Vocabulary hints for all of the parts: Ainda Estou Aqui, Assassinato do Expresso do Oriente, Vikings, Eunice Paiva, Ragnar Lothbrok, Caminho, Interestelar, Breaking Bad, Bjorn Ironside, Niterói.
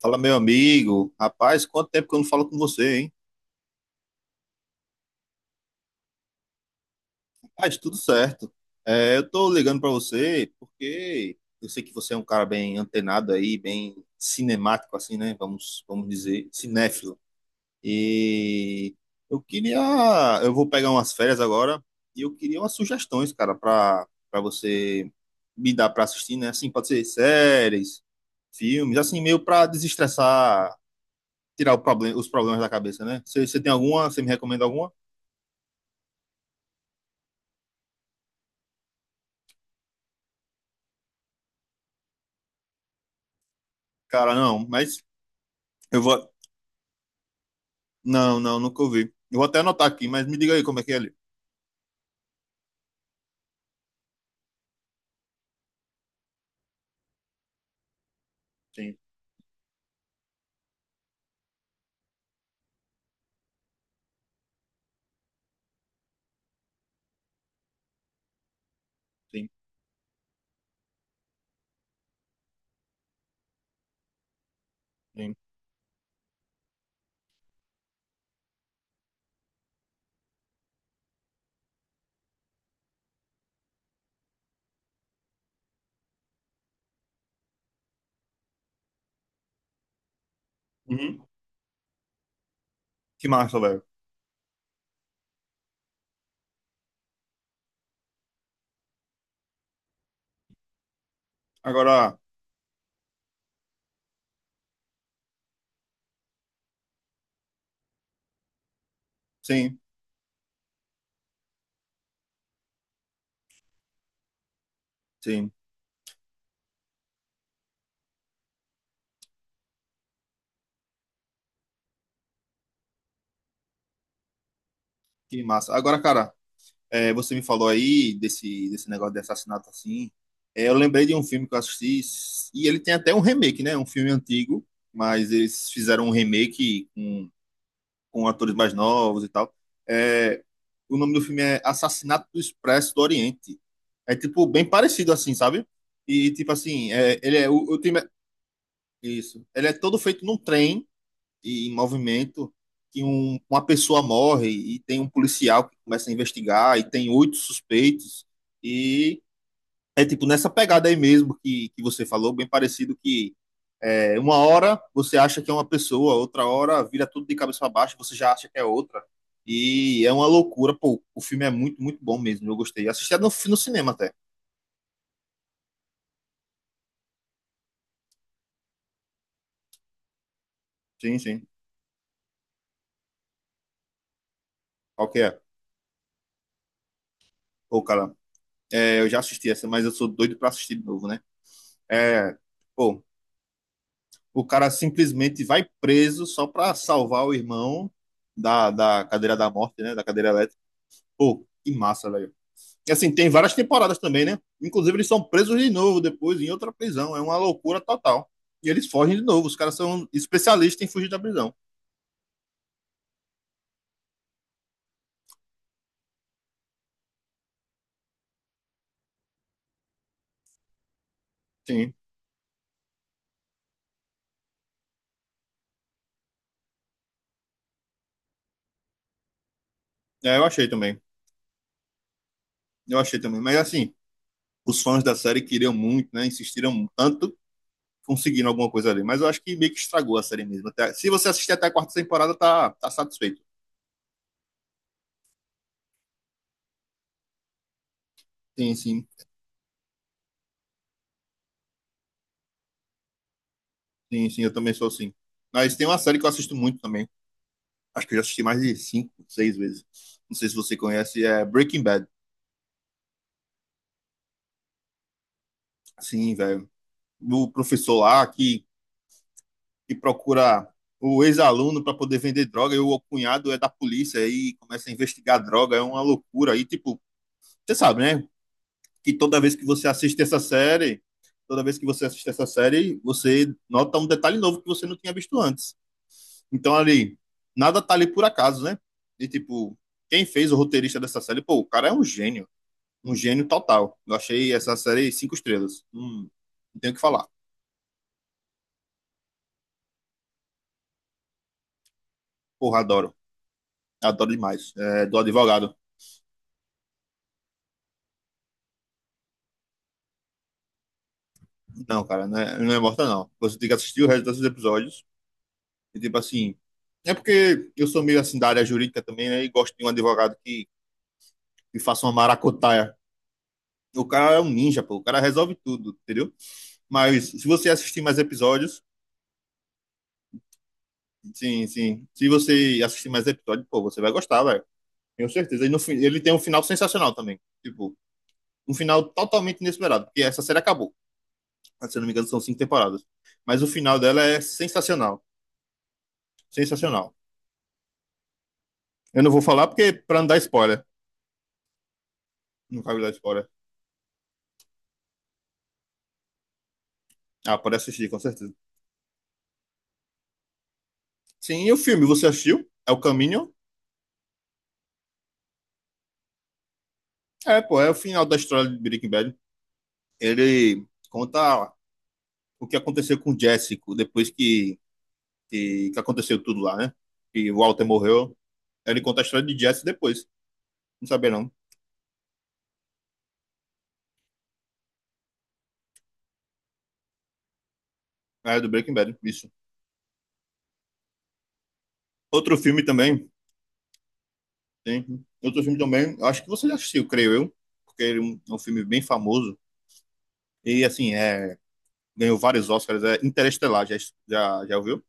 Fala, meu amigo. Rapaz, quanto tempo que eu não falo com você, hein? Rapaz, tudo certo. É, eu tô ligando pra você porque eu sei que você é um cara bem antenado aí, bem cinemático assim, né? Vamos dizer, cinéfilo. E eu queria, eu vou pegar umas férias agora e eu queria umas sugestões, cara, pra para você me dar pra assistir, né? Assim, pode ser séries, filmes, assim, meio pra desestressar, tirar o problema, os problemas da cabeça, né? Você tem alguma? Você me recomenda alguma? Cara, não, mas eu vou. Não, não, nunca ouvi. Eu vou até anotar aqui, mas me diga aí como é que é ali. Sim, sim, sim. Uhum. Que massa, velho. Agora, sim, sim, que massa. Agora, cara, é, você me falou aí desse negócio de assassinato assim. É, eu lembrei de um filme que eu assisti, e ele tem até um remake, né? Um filme antigo, mas eles fizeram um remake com atores mais novos e tal. É, o nome do filme é Assassinato do Expresso do Oriente. É tipo bem parecido assim, sabe? E tipo assim, é, ele é o time isso. Ele é todo feito num trem e em movimento que uma pessoa morre e tem um policial que começa a investigar e tem 8 suspeitos e é tipo nessa pegada aí mesmo que você falou, bem parecido que é, uma hora você acha que é uma pessoa, outra hora vira tudo de cabeça para baixo, você já acha que é outra. E é uma loucura, pô. O filme é muito, muito bom mesmo. Eu gostei. Assisti no cinema até. Sim, sim. Qual que é? Pô, cara, é, eu já assisti essa, mas eu sou doido para assistir de novo, né? É, pô, o cara simplesmente vai preso só para salvar o irmão da cadeira da morte, né? Da cadeira elétrica. Pô, que massa, velho. Assim, tem várias temporadas também, né? Inclusive, eles são presos de novo depois em outra prisão. É uma loucura total. E eles fogem de novo. Os caras são especialistas em fugir da prisão. Sim. É, eu achei também. Eu achei também. Mas, assim, os fãs da série queriam muito, né? Insistiram tanto conseguindo alguma coisa ali. Mas eu acho que meio que estragou a série mesmo. Até, se você assistir até a quarta temporada, tá satisfeito. Sim, sim. Sim, sim. Eu também sou assim. Mas tem uma série que eu assisto muito também. Acho que eu já assisti mais de cinco, seis vezes. Não sei se você conhece. É Breaking Bad. Sim, velho. Do professor lá que procura o ex-aluno para poder vender droga e o cunhado é da polícia e começa a investigar droga, é uma loucura. E, tipo, você sabe, né? Que toda vez que você assiste essa série, toda vez que você assiste essa série, você nota um detalhe novo que você não tinha visto antes. Então, ali, nada tá ali por acaso, né? E, tipo, quem fez o roteirista dessa série, pô, o cara é um gênio. Um gênio total. Eu achei essa série cinco estrelas. Não tenho o que falar. Porra, adoro. Adoro demais. É, do advogado. Não, cara, não é morta, não. Você tem que assistir o resto desses episódios. E, tipo assim. É porque eu sou meio assim da área jurídica também, né? E gosto de um advogado que faça uma maracutaia. O cara é um ninja, pô. O cara resolve tudo, entendeu? Mas se você assistir mais episódios. Sim, sim. Se você assistir mais episódios, pô, você vai gostar, velho. Tenho certeza. E no, fim- Ele tem um final sensacional também. Tipo, um final totalmente inesperado. Porque essa série acabou. Se eu não me engano, são cinco temporadas. Mas o final dela é sensacional. Sensacional. Eu não vou falar porque para não dar spoiler. Não cabe dar spoiler. Ah, pode assistir, com certeza. Sim, e o filme, você assistiu? É o Caminho? É, pô, é o final da história de Breaking Bad. Ele conta o que aconteceu com o Jessico depois que aconteceu tudo lá, né? Que o Walter morreu. Ele conta a história de Jesse depois. Não sabia, não. É do Breaking Bad, isso. Outro filme também, tem. Outro filme também, acho que você já assistiu, creio eu, porque ele é um filme bem famoso. E, assim, é ganhou vários Oscars, é Interestelar, já ouviu?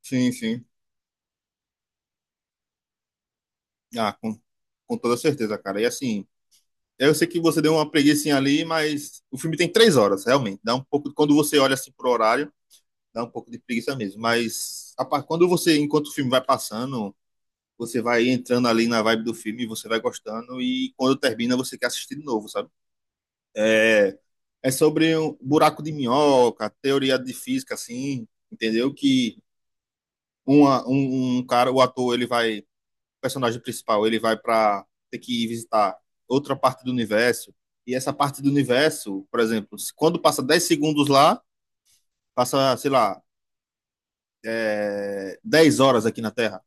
Sim, sim. Ah, com toda certeza, cara. E assim, eu sei que você deu uma preguicinha ali, mas o filme tem 3 horas, realmente. Dá um pouco, quando você olha assim pro horário, dá um pouco de preguiça mesmo. Mas enquanto o filme vai passando, você vai entrando ali na vibe do filme, você vai gostando, e quando termina, você quer assistir de novo, sabe? É, é sobre um buraco de minhoca, teoria de física, assim, entendeu? Que um cara, o ator, ele vai personagem principal ele vai para ter que ir visitar outra parte do universo, e essa parte do universo, por exemplo, quando passa 10 segundos lá, passa, sei lá, é, 10 horas aqui na Terra.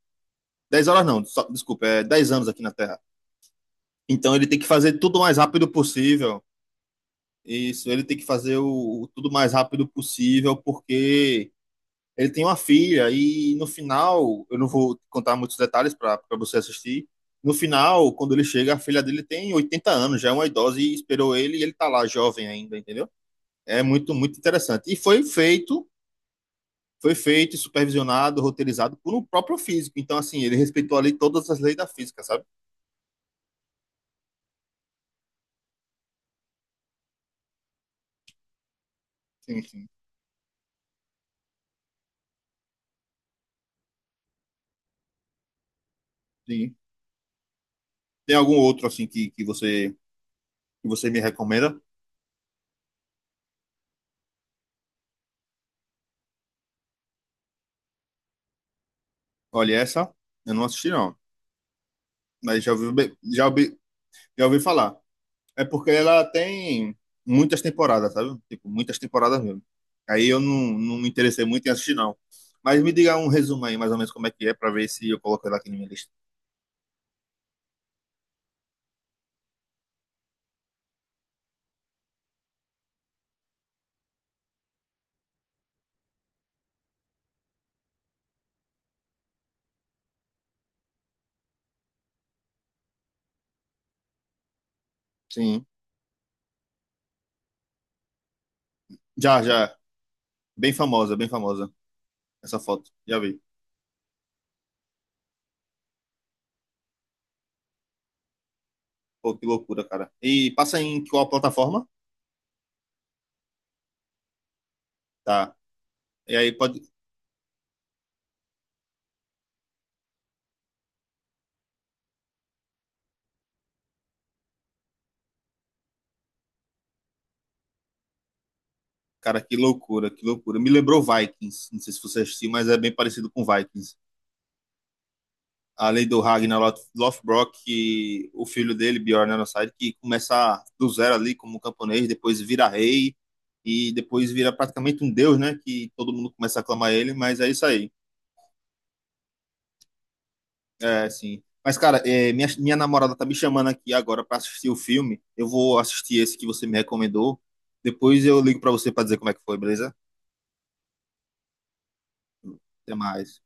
Dez horas não, só, desculpa, é 10 anos aqui na Terra. Então ele tem que fazer tudo o mais rápido possível. Isso, ele tem que fazer o tudo mais rápido possível, porque ele tem uma filha e no final, eu não vou contar muitos detalhes para você assistir. No final, quando ele chega, a filha dele tem 80 anos, já é uma idosa e esperou ele e ele tá lá jovem ainda, entendeu? É muito muito interessante. E foi feito, supervisionado, roteirizado por um próprio físico. Então assim, ele respeitou ali todas as leis da física, sabe? Sim, sim. Sim. Tem algum outro assim que você me recomenda? Olha essa, eu não assisti não, mas já ouvi, já ouvi falar. É porque ela tem muitas temporadas, sabe? Tipo, muitas temporadas mesmo. Aí eu não me interessei muito em assistir, não. Mas me diga um resumo aí, mais ou menos, como é que é, pra ver se eu coloco ela aqui na minha lista. Sim. Já, já. Bem famosa, bem famosa. Essa foto. Já vi. Pô, que loucura, cara. E passa em qual plataforma? Tá. E aí pode. Cara, que loucura, que loucura. Me lembrou Vikings. Não sei se você assistiu, mas é bem parecido com Vikings. Além do Ragnar Lothbrok, que o filho dele, Bjorn Ironside, que começa do zero ali como camponês, depois vira rei e depois vira praticamente um deus, né? Que todo mundo começa a aclamar ele, mas é isso aí. É, assim. Mas, cara, é, minha namorada tá me chamando aqui agora para assistir o filme. Eu vou assistir esse que você me recomendou. Depois eu ligo para você para dizer como é que foi, beleza? Até mais.